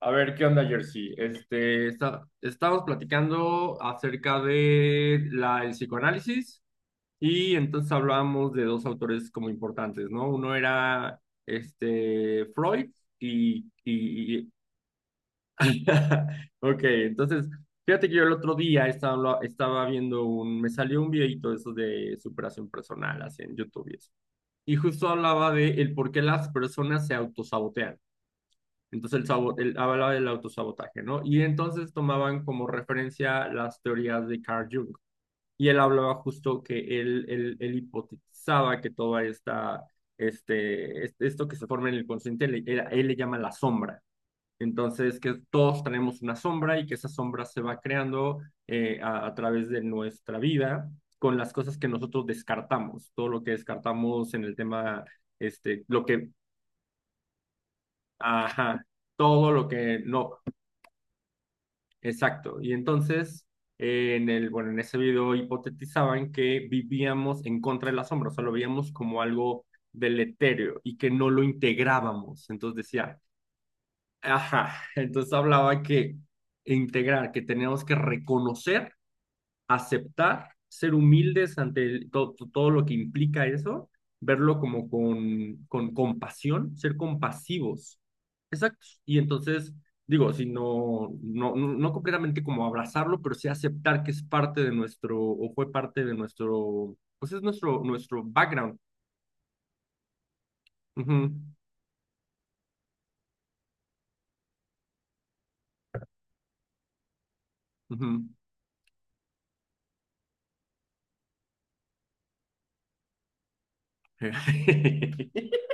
A ver, ¿qué onda, Jersey? Estábamos platicando acerca de el psicoanálisis y entonces hablábamos de dos autores como importantes, ¿no? Uno era Freud y... y... y- Ok, entonces, fíjate que yo el otro día estaba viendo Me salió un videito de esos de superación personal, así en YouTube y eso. Y justo hablaba de el por qué las personas se autosabotean. Entonces, hablaba del autosabotaje, ¿no? Y entonces tomaban como referencia las teorías de Carl Jung. Y él hablaba justo que él hipotizaba que toda esto que se forma en el consciente, él le llama la sombra. Entonces, que todos tenemos una sombra y que esa sombra se va creando a través de nuestra vida con las cosas que nosotros descartamos, todo lo que descartamos en el tema, lo que, ajá, todo lo que no. Exacto. Y entonces, en en ese video hipotetizaban que vivíamos en contra de la sombra, o sea, lo veíamos como algo deletéreo y que no lo integrábamos. Entonces decía, ajá, entonces hablaba que integrar, que teníamos que reconocer, aceptar, ser humildes ante todo lo que implica eso, verlo como con compasión, ser compasivos. Exacto. Y entonces, digo, si no completamente como abrazarlo, pero sí aceptar que es parte de nuestro, o fue parte de nuestro, pues es nuestro background. Ujú, ujú.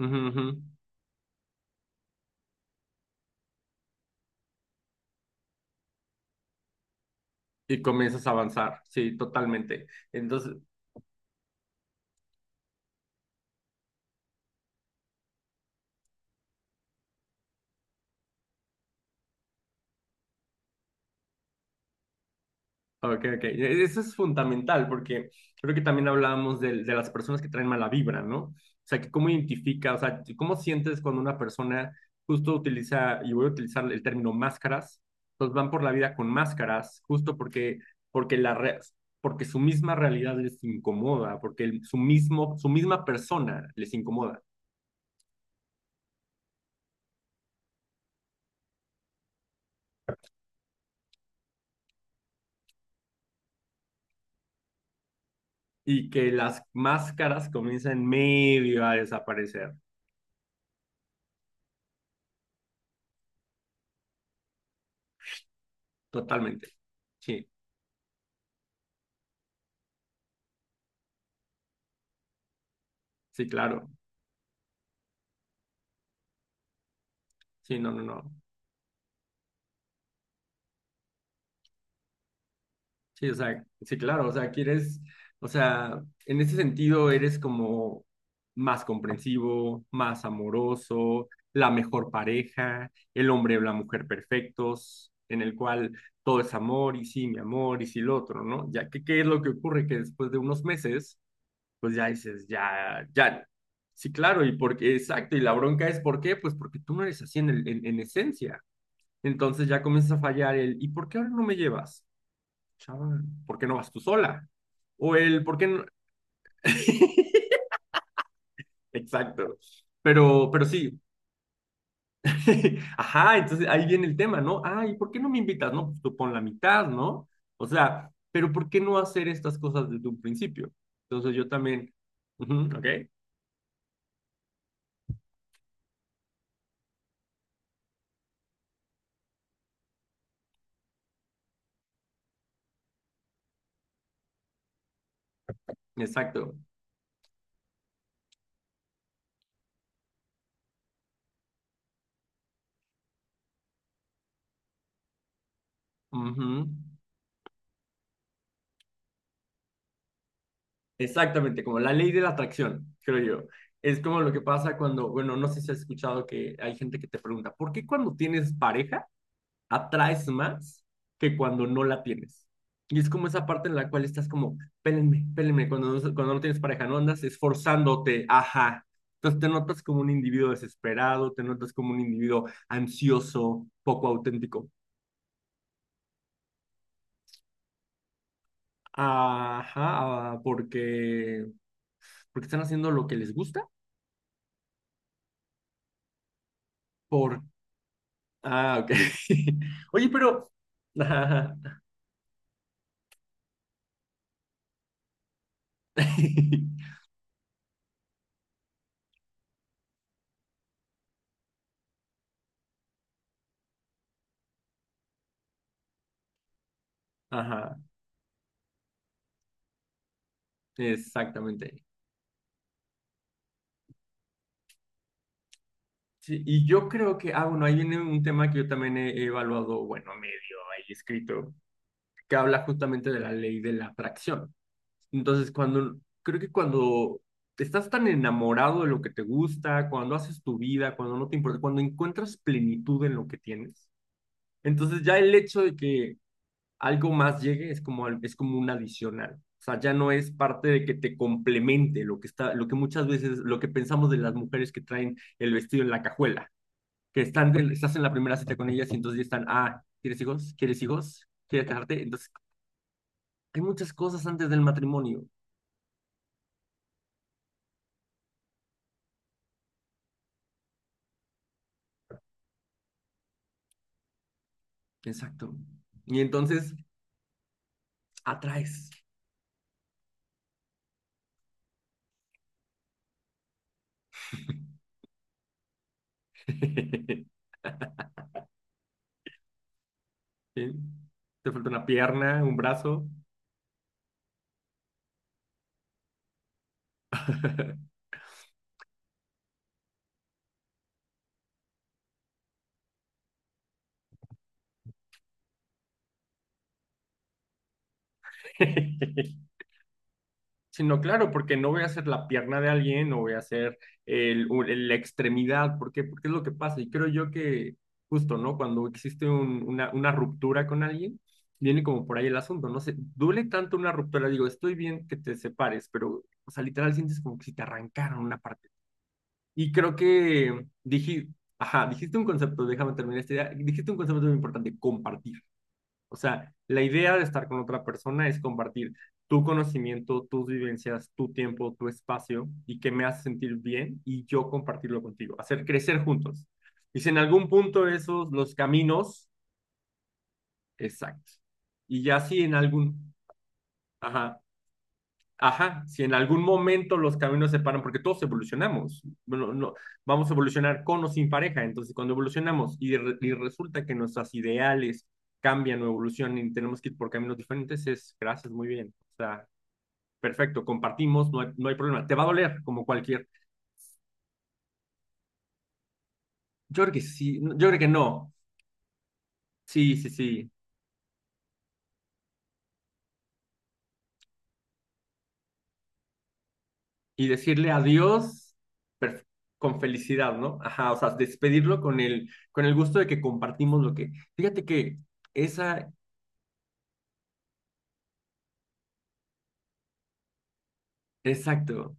Ujú, ujú. Y comienzas a avanzar, sí, totalmente. Entonces, ok, ok. Eso es fundamental porque creo que también hablábamos de las personas que traen mala vibra, ¿no? O sea, que cómo identifica, o sea, cómo sientes cuando una persona justo utiliza, y voy a utilizar el término máscaras, pues van por la vida con máscaras, justo porque, porque, la re- porque su misma realidad les incomoda, porque su misma persona les incomoda y que las máscaras comienzan medio a desaparecer, totalmente. Sí, sí, claro. Sí, no, no, no. Sí, o sea, sí, claro, o sea, quieres, o sea, en ese sentido eres como más comprensivo, más amoroso, la mejor pareja, el hombre o la mujer perfectos, en el cual todo es amor y sí, mi amor y sí, lo otro, ¿no? Ya que, ¿qué es lo que ocurre? Que después de unos meses, pues ya dices, ya, ya, sí, claro, y porque, exacto, y la bronca es, ¿por qué? Pues porque tú no eres así en esencia. Entonces ya comienza a fallar el, ¿y por qué ahora no me llevas? Chava, ¿por qué no vas tú sola? O el, ¿por qué no? Exacto. Pero sí. Ajá, entonces ahí viene el tema, ¿no? Ay, ¿por qué no me invitas? No, pues tú pon la mitad, ¿no? O sea, pero ¿por qué no hacer estas cosas desde un principio? Entonces yo también, ujú, ¿ok? Exacto. Ujú. Exactamente, como la ley de la atracción, creo yo. Es como lo que pasa cuando, bueno, no sé si has escuchado que hay gente que te pregunta, ¿por qué cuando tienes pareja atraes más que cuando no la tienes? Y es como esa parte en la cual estás como, pélenme, pélenme, cuando no tienes pareja, no andas esforzándote, ajá. Entonces te notas como un individuo desesperado, te notas como un individuo ansioso, poco auténtico. Ajá, ah, porque, porque están haciendo lo que les gusta, por... Ah, ok. Oye, pero... Ajá, ajá, ajá, exactamente. Sí, y yo creo que, ah, bueno, ahí viene un tema que yo también he evaluado, bueno, medio ahí escrito, que habla justamente de la ley de la atracción. Entonces, cuando, creo que cuando estás tan enamorado de lo que te gusta, cuando haces tu vida, cuando no te importa, cuando encuentras plenitud en lo que tienes, entonces ya el hecho de que algo más llegue es como, es como un adicional. O sea, ya no es parte de que te complemente lo que está, lo que muchas veces, lo que pensamos de las mujeres que traen el vestido en la cajuela, que están estás en la primera cita con ellas y entonces ya están, ah, ¿quieres hijos? ¿Quieres hijos? ¿Quieres casarte? Entonces, hay muchas cosas antes del matrimonio. Exacto. Y entonces, atraes. ¿Sí? Te falta una pierna, un brazo. Sino claro, porque no voy a hacer la pierna de alguien, no voy a hacer la extremidad, porque porque es lo que pasa. Y creo yo que justo, ¿no? Cuando existe una ruptura con alguien, viene como por ahí el asunto, no sé, duele tanto una ruptura, digo, estoy bien que te separes, pero, o sea, literal sientes como que si te arrancaron una parte. Y creo que dije, ajá, dijiste un concepto, déjame terminar esta idea, dijiste un concepto muy importante, compartir. O sea, la idea de estar con otra persona es compartir tu conocimiento, tus vivencias, tu tiempo, tu espacio y que me hace sentir bien y yo compartirlo contigo, hacer crecer juntos. Y si en algún punto esos, los caminos, exacto. Y ya si en algún, ajá, ajá, si en algún momento los caminos se paran, porque todos evolucionamos, bueno, no, vamos a evolucionar con o sin pareja, entonces cuando evolucionamos y resulta que nuestros ideales cambian o evolucionan y tenemos que ir por caminos diferentes, es gracias, muy bien, o sea, perfecto, compartimos, no hay problema, te va a doler como cualquier, yo creo que sí, yo creo que no, sí, sí, sí, y decirle adiós perf- con felicidad, ¿no? Ajá, o sea, despedirlo con con el gusto de que compartimos lo que, fíjate que esa, exacto.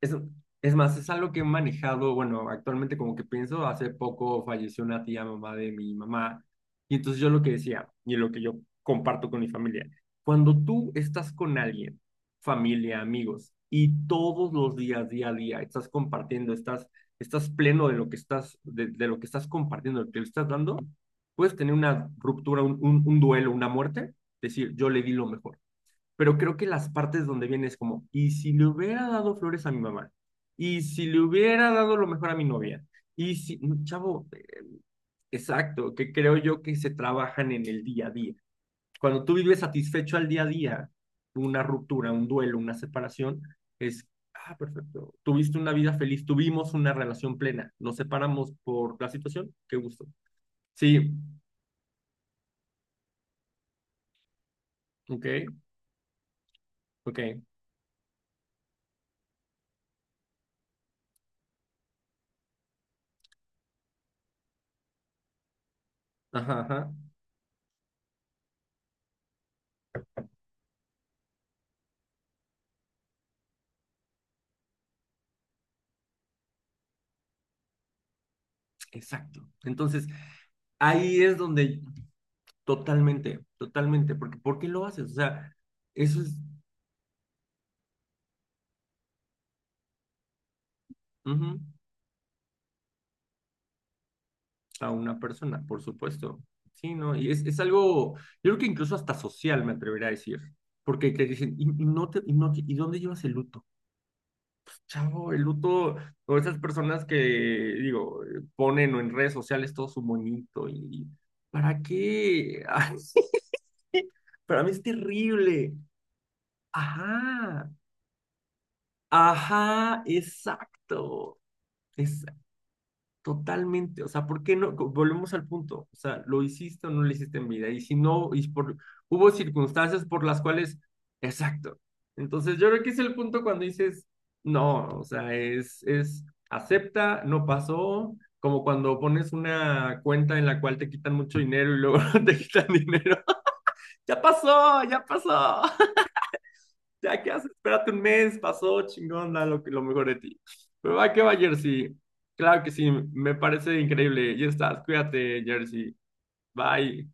Es, es más, es algo que he manejado, bueno, actualmente como que pienso, hace poco falleció una tía mamá de mi mamá, y entonces yo lo que decía, y lo que yo comparto con mi familia, cuando tú estás con alguien, familia, amigos, y todos los días, día a día, estás compartiendo, estás, estás pleno de lo que estás, de lo que estás compartiendo, lo que le estás dando, puedes tener una ruptura, un duelo, una muerte, decir, yo le di lo mejor pero creo que las partes donde viene es como, ¿y si le hubiera dado flores a mi mamá? ¿Y si le hubiera dado lo mejor a mi novia? Y si, no, chavo, exacto, que creo yo que se trabajan en el día a día. Cuando tú vives satisfecho al día a día, una ruptura, un duelo, una separación, es, ah, perfecto, tuviste una vida feliz, tuvimos una relación plena, nos separamos por la situación, qué gusto. Sí, ok, ok, ajá, ajá, exacto. Entonces, ahí es donde totalmente, totalmente, porque ¿por qué lo haces? O sea, eso es ujú, a una persona, por supuesto. Sí, ¿no? Y es algo, yo creo que incluso hasta social, me atrevería a decir, porque te dicen, y no te, y, no, te- ¿y dónde llevas el luto? Chavo, el luto, o esas personas que, digo, ponen en redes sociales todo su monito, y ¿para qué? Para mí es terrible. Ajá, ajá, exacto. Totalmente, o sea, ¿por qué no? Volvemos al punto, o sea, ¿lo hiciste o no lo hiciste en vida? Y si no, y por, hubo circunstancias por las cuales, exacto. Entonces, yo creo que es el punto cuando dices, no, o sea, acepta, no pasó, como cuando pones una cuenta en la cual te quitan mucho dinero y luego te quitan dinero. Ya pasó, ya pasó ya, ¿qué haces? Espérate un mes, pasó, chingón, da que lo mejor de ti. Pero va que va, Jersey. Claro que sí, me parece increíble. Ya estás, cuídate, Jersey. Bye.